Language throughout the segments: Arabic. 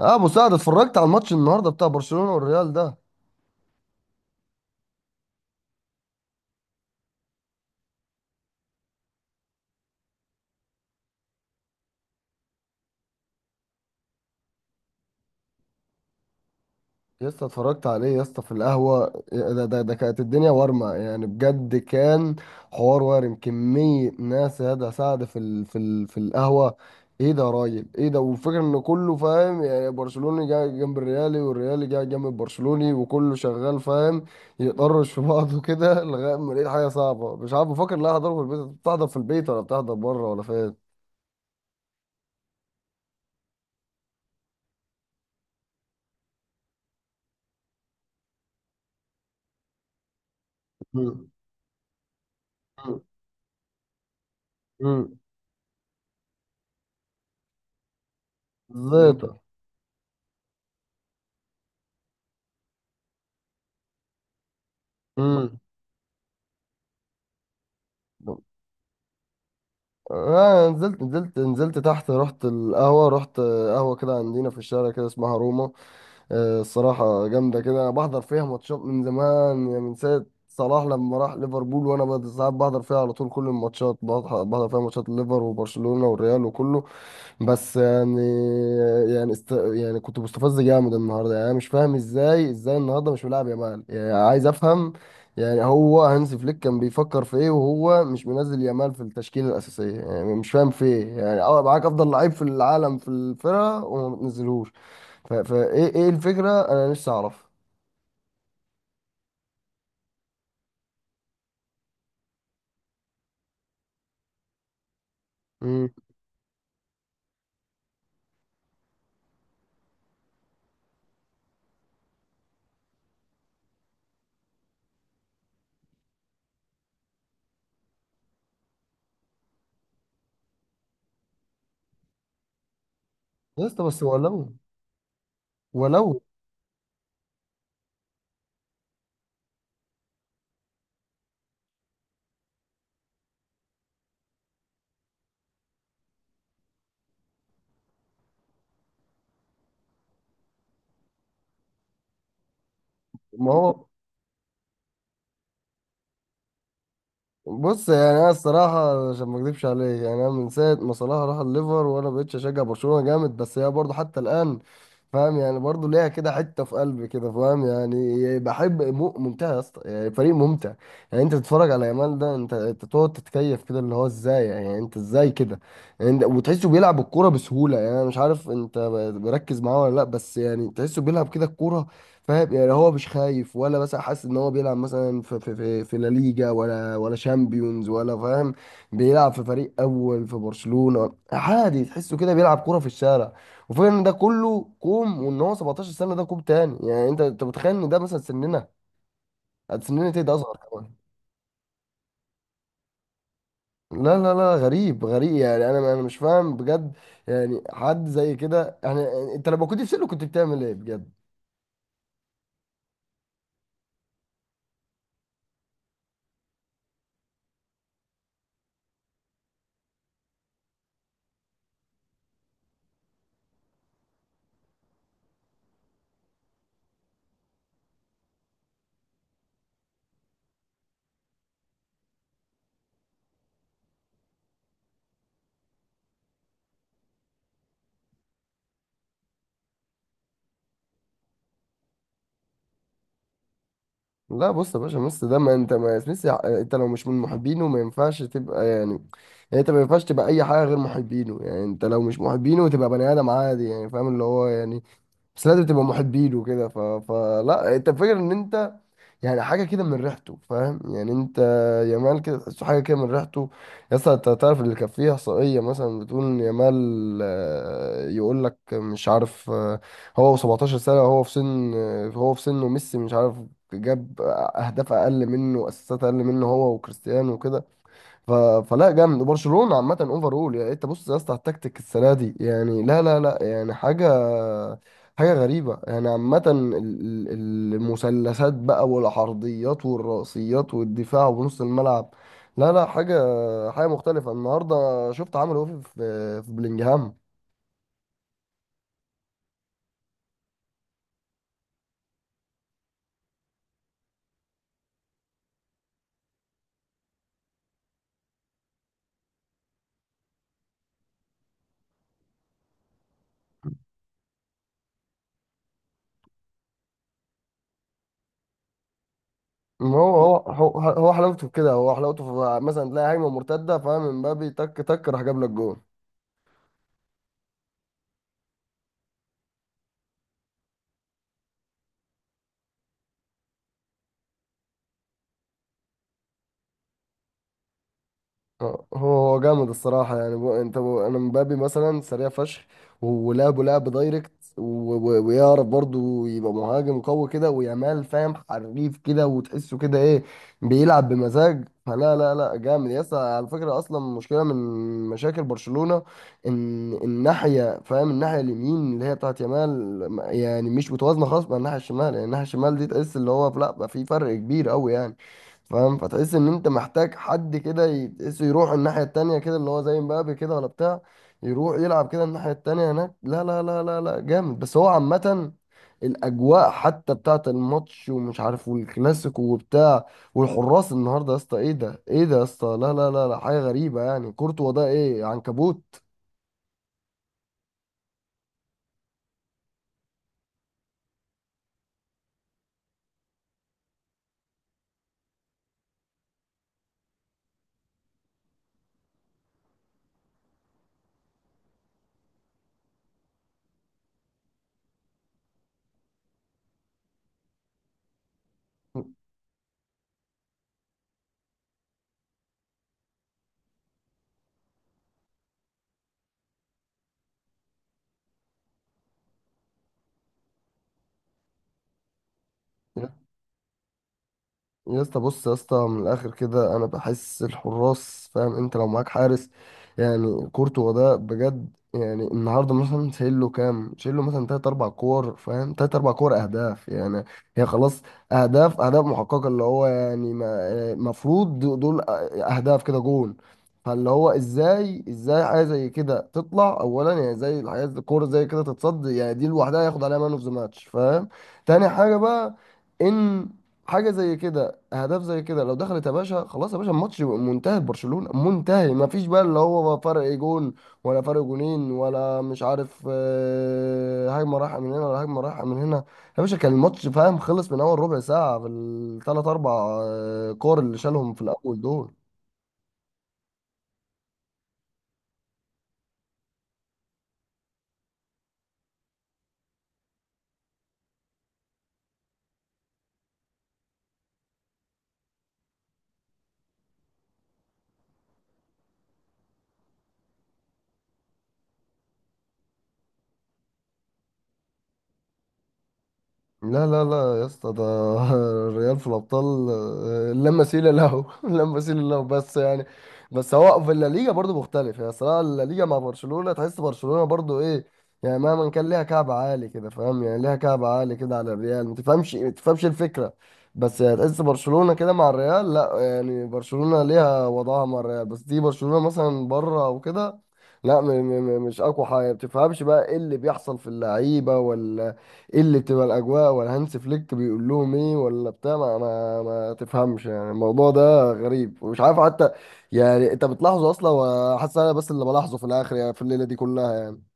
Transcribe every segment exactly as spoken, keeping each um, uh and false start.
اه مساعد، اتفرجت على الماتش النهارده بتاع برشلونة والريال ده؟ يا اسطى، اتفرجت عليه يا اسطى في القهوة، إيه، ده, ده, ده كانت الدنيا وارمة يعني، بجد كان حوار وارم، كمية ناس يا ده سعد في ال في ال في القهوة. ايه ده يا راجل، ايه ده، والفكرة ان كله فاهم يعني، برشلوني جاي جنب الريالي، والريالي جاي جنب البرشلوني، وكله شغال فاهم، يطرش في بعضه كده لغاية ما لقيت حاجة صعبة، مش عارف بفكر، لا هحضره في البيت، بتحضر في البيت ولا بتحضر بره ولا فين. مم. امم. مم. بالظبط. امم. آه، نزلت نزلت نزلت تحت، رحت القهوة، رحت قهوة كده عندنا في الشارع كده اسمها روما. آه الصراحة جامدة كده، أنا بحضر فيها ماتشات من زمان يعني، من ساعة صلاح لما راح ليفربول، وأنا بقى ساعات بحضر فيها على طول كل الماتشات، بحضر بحضر فيها ماتشات الليفر وبرشلونة والريال وكله. بس يعني، يعني است... يعني كنت مستفز جامد النهارده يعني، انا مش فاهم ازاي، ازاي النهارده مش ملاعب يامال يعني، عايز افهم. يعني هو هانز فليك كان بيفكر في ايه وهو مش منزل يامال في التشكيله الاساسيه؟ يعني مش فاهم في ايه يعني، اه معاك افضل لعيب في العالم في الفرقه وما بتنزلهوش. ف... فايه ايه إيه الفكره، انا نفسي اعرف. امم. يا اسطى، بس ولو ولو. ما هو، بص يعني انا الصراحه عشان ما اكذبش عليك يعني، انا من ساعه ما صلاح راح الليفر، وانا بقيتش اشجع برشلونه جامد، بس هي برضه حتى الان فاهم يعني، برضه ليها كده حته في قلبي كده فاهم يعني، بحب مو- ممتع يا اسطى يعني، فريق ممتع يعني. انت تتفرج على يامال ده، انت أنت تقعد تتكيف كده اللي هو ازاي يعني، انت ازاي كده يعني، أنت- وتحسه بيلعب الكوره بسهوله يعني، انا مش عارف انت ب- بركز معاه ولا لا، بس يعني تحسه بيلعب كده الكوره فاهم يعني، هو مش خايف ولا مثلا حاسس ان هو بيلعب مثلا في في في, في لا ليجا، ولا، ولا شامبيونز ولا فاهم، بيلعب في فريق اول في برشلونة عادي، تحسه كده بيلعب كرة في الشارع. وفكرة ان ده كله كوم وان هو سبعتاشر سنة ده كوم تاني، يعني انت انت متخيل ان ده مثلا سننا، قد سننا تيجي اصغر كمان. لا لا لا، غريب غريب يعني، انا انا مش فاهم بجد يعني، حد زي كده يعني. انت لما كنت في سنه كنت بتعمل ايه بجد؟ لا بص يا باشا، ميسي ده، ما انت، ما ميسي انت لو مش من محبينه ما ينفعش تبقى يعني، يعني انت ما ينفعش تبقى اي حاجه غير محبينه يعني، انت لو مش محبينه تبقى بني ادم عادي يعني فاهم اللي هو يعني، بس لازم تبقى محبينه كده. ف... فلا انت فاكر ان انت يعني حاجه كده من ريحته فاهم يعني انت، يامال كده تحسه حاجه كده من ريحته. يا اسطى، انت تعرف اللي كان فيه احصائيه مثلا بتقول إن يامال، آه، يقول لك مش عارف آه، هو و17 سنه، هو في سن آه، هو في سنه ميسي مش عارف، جاب اهداف اقل منه واسيستات اقل منه هو وكريستيانو وكده. ف... فلا جامد، وبرشلونه عامه اوفرول يعني، انت بص يا اسطى على التكتيك السنه دي، يعني لا لا لا يعني، حاجه حاجه غريبه يعني، عامه ال- ال- المثلثات بقى والعرضيات والرأسيات والدفاع ونص الملعب، لا لا، حاجه حاجه مختلفه النهارده، شفت عمل ايه في في في بلينجهام. هو هو هو هو حلاوته في كده، هو حلاوته في مثلا تلاقي هجمه مرتده فاهم، مبابي تك تك راح جاب لك جون. اه، هو هو جامد الصراحة يعني، بو انت بو انا، مبابي مثلا سريع فشخ، ولعبه لعب دايركت، و- و- ويعرف برضه يبقى مهاجم قوي كده، ويامال فاهم حريف كده، وتحسه كده ايه، بيلعب بمزاج. فلا لا لا جامد، يس على فكرة اصلا مشكلة من مشاكل برشلونة، ان الناحية فاهم الناحية اليمين اللي هي بتاعت يامال يعني، مش متوازنة خالص مع الناحية الشمال يعني، الناحية الشمال دي تحس اللي هو لا، بقى في فرق كبير قوي يعني فاهم، فتحس ان انت محتاج حد كده ي- تحسه يروح الناحية التانية كده اللي هو زي مبابي كده ولا بتاع، يروح يلعب كده الناحية التانية هناك، لا لا لا لا لا جامد. بس هو عامة الأجواء حتى بتاعة الماتش ومش عارف، والكلاسيكو وبتاع، والحراس النهاردة يا اسطى ايه ده، ايه ده يا اسطى، لا لا لا لا حاجة غريبة يعني، كورتوا ده ايه عنكبوت؟ يا اسطى، بص يا اسطى، من الاخر كده انا بحس الحراس فاهم، انت لو معاك حارس يعني كورتوا ده بجد يعني، النهارده مثلا شايل له كام، شايل له مثلا تلات اربع كور فاهم، تلات اربع كور اهداف يعني، هي خلاص اهداف، اهداف محققه اللي هو يعني ما- مفروض دول اهداف كده جون. فاللي هو ازاي، ازاي حاجه زي كده تطلع اولا يعني، زي الحاجات الكوره زي كده تتصد يعني، دي لوحدها ياخد عليها مان اوف ذا ماتش فاهم. تاني حاجه بقى، ان حاجه زي كده، اهداف زي كده لو دخلت يا باشا خلاص يا باشا، الماتش يبقى منتهي، برشلونة منتهي، ما فيش بقى اللي هو فرق جون ولا فرق جونين ولا مش عارف، آه، هجمة رايحة من هنا ولا هجمة رايحة من هنا. يا باشا كان الماتش فاهم خلص من اول ربع ساعة في الثلاث اربع آه، كور اللي شالهم في الاول دول. لا لا لا يا اسطى، ده الريال في الابطال آه، لا مثيل له لا مثيل له، بس يعني، بس هو في الليجا برضو مختلف يعني، صراحه الليجا مع برشلونه، تحس برشلونه برضو ايه يعني، مهما كان ليها كعب عالي كده فاهم يعني، ليها كعب عالي كده على الريال، ما تفهمش ما تفهمش الفكره، بس يعني تحس برشلونه كده مع الريال، لا يعني برشلونه ليها وضعها مع الريال، بس دي برشلونه مثلا بره او كده، لا م- م- م- مش اقوى حاجه، ما بتفهمش بقى ايه اللي بيحصل في اللعيبه ولا، ايه اللي تبقى الاجواء ولا هانس فليك بيقول لهم ايه ولا بتاع، ما ما, ما تفهمش يعني الموضوع ده غريب ومش عارف حتى يعني، انت بتلاحظه اصلا وحاسس، انا بس اللي بلاحظه في الاخر يعني، في الليله دي كلها يعني.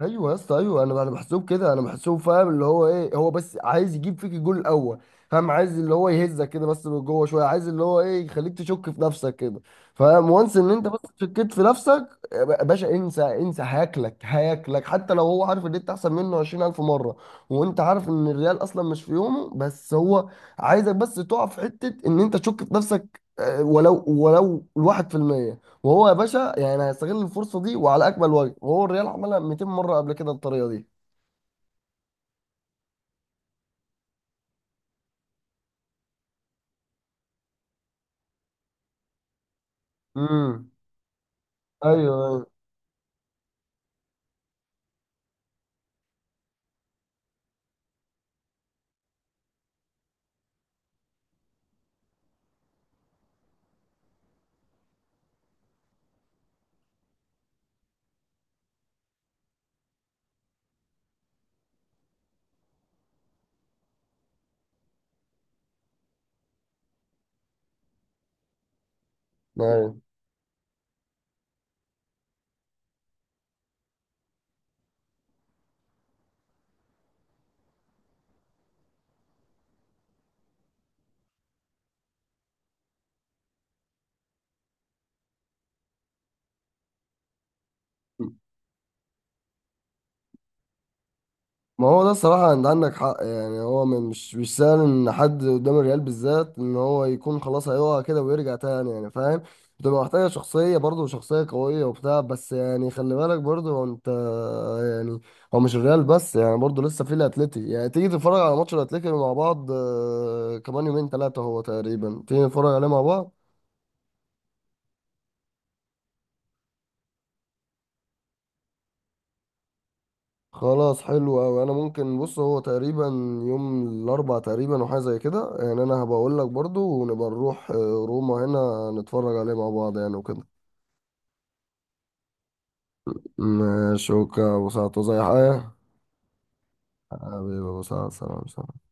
ايوه يا اسطى ايوه، انا انا بحسوب كده، انا بحسوب فاهم، اللي هو ايه، هو بس عايز يجيب فيك الجول الاول فاهم، عايز اللي هو يهزك كده بس من جوه شويه، عايز اللي هو ايه يخليك تشك في نفسك كده فاهم، وانس ان انت بس شكيت في نفسك يا باشا، انسى انسى، هياكلك هياكلك، حتى لو هو عارف ان انت احسن منه عشرين الف مره. وانت عارف ان الريال اصلا مش في يومه، بس هو عايزك بس تقع في حته ان انت تشك في نفسك، آه، ولو ولو الواحد في المية، وهو يا باشا يعني هيستغل الفرصه دي وعلى اكمل وجه، وهو الريال عملها مئتين مره قبل كده الطريقه دي. امم. ايوه ايوه ايوه. ما هو ده الصراحه انت عندك حق يعني، هو م- مش مش سهل ان حد قدام الريال بالذات ان هو يكون خلاص هيقع كده ويرجع تاني يعني فاهم، بتبقى محتاجه شخصيه برضه، شخصيه قويه وبتاع، بس يعني خلي بالك برضه هو انت يعني، هو مش الريال بس يعني، برضه لسه في الاتليتي يعني، تيجي تتفرج على ماتش الاتليتي مع بعض، آه، كمان يومين ثلاثه هو تقريبا، تيجي نتفرج عليه مع بعض. خلاص حلو أوي، أنا ممكن بص هو تقريبا يوم الأربع تقريبا وحاجة زي كده يعني، أنا هبقول لك برضو ونبقى نروح آه، روما هنا، نتفرج عليه مع بعض يعني وكده. ماشي أوكي يا أبو سعد زي حاجة. حبيبي يا أبو سعد، سلام سلام.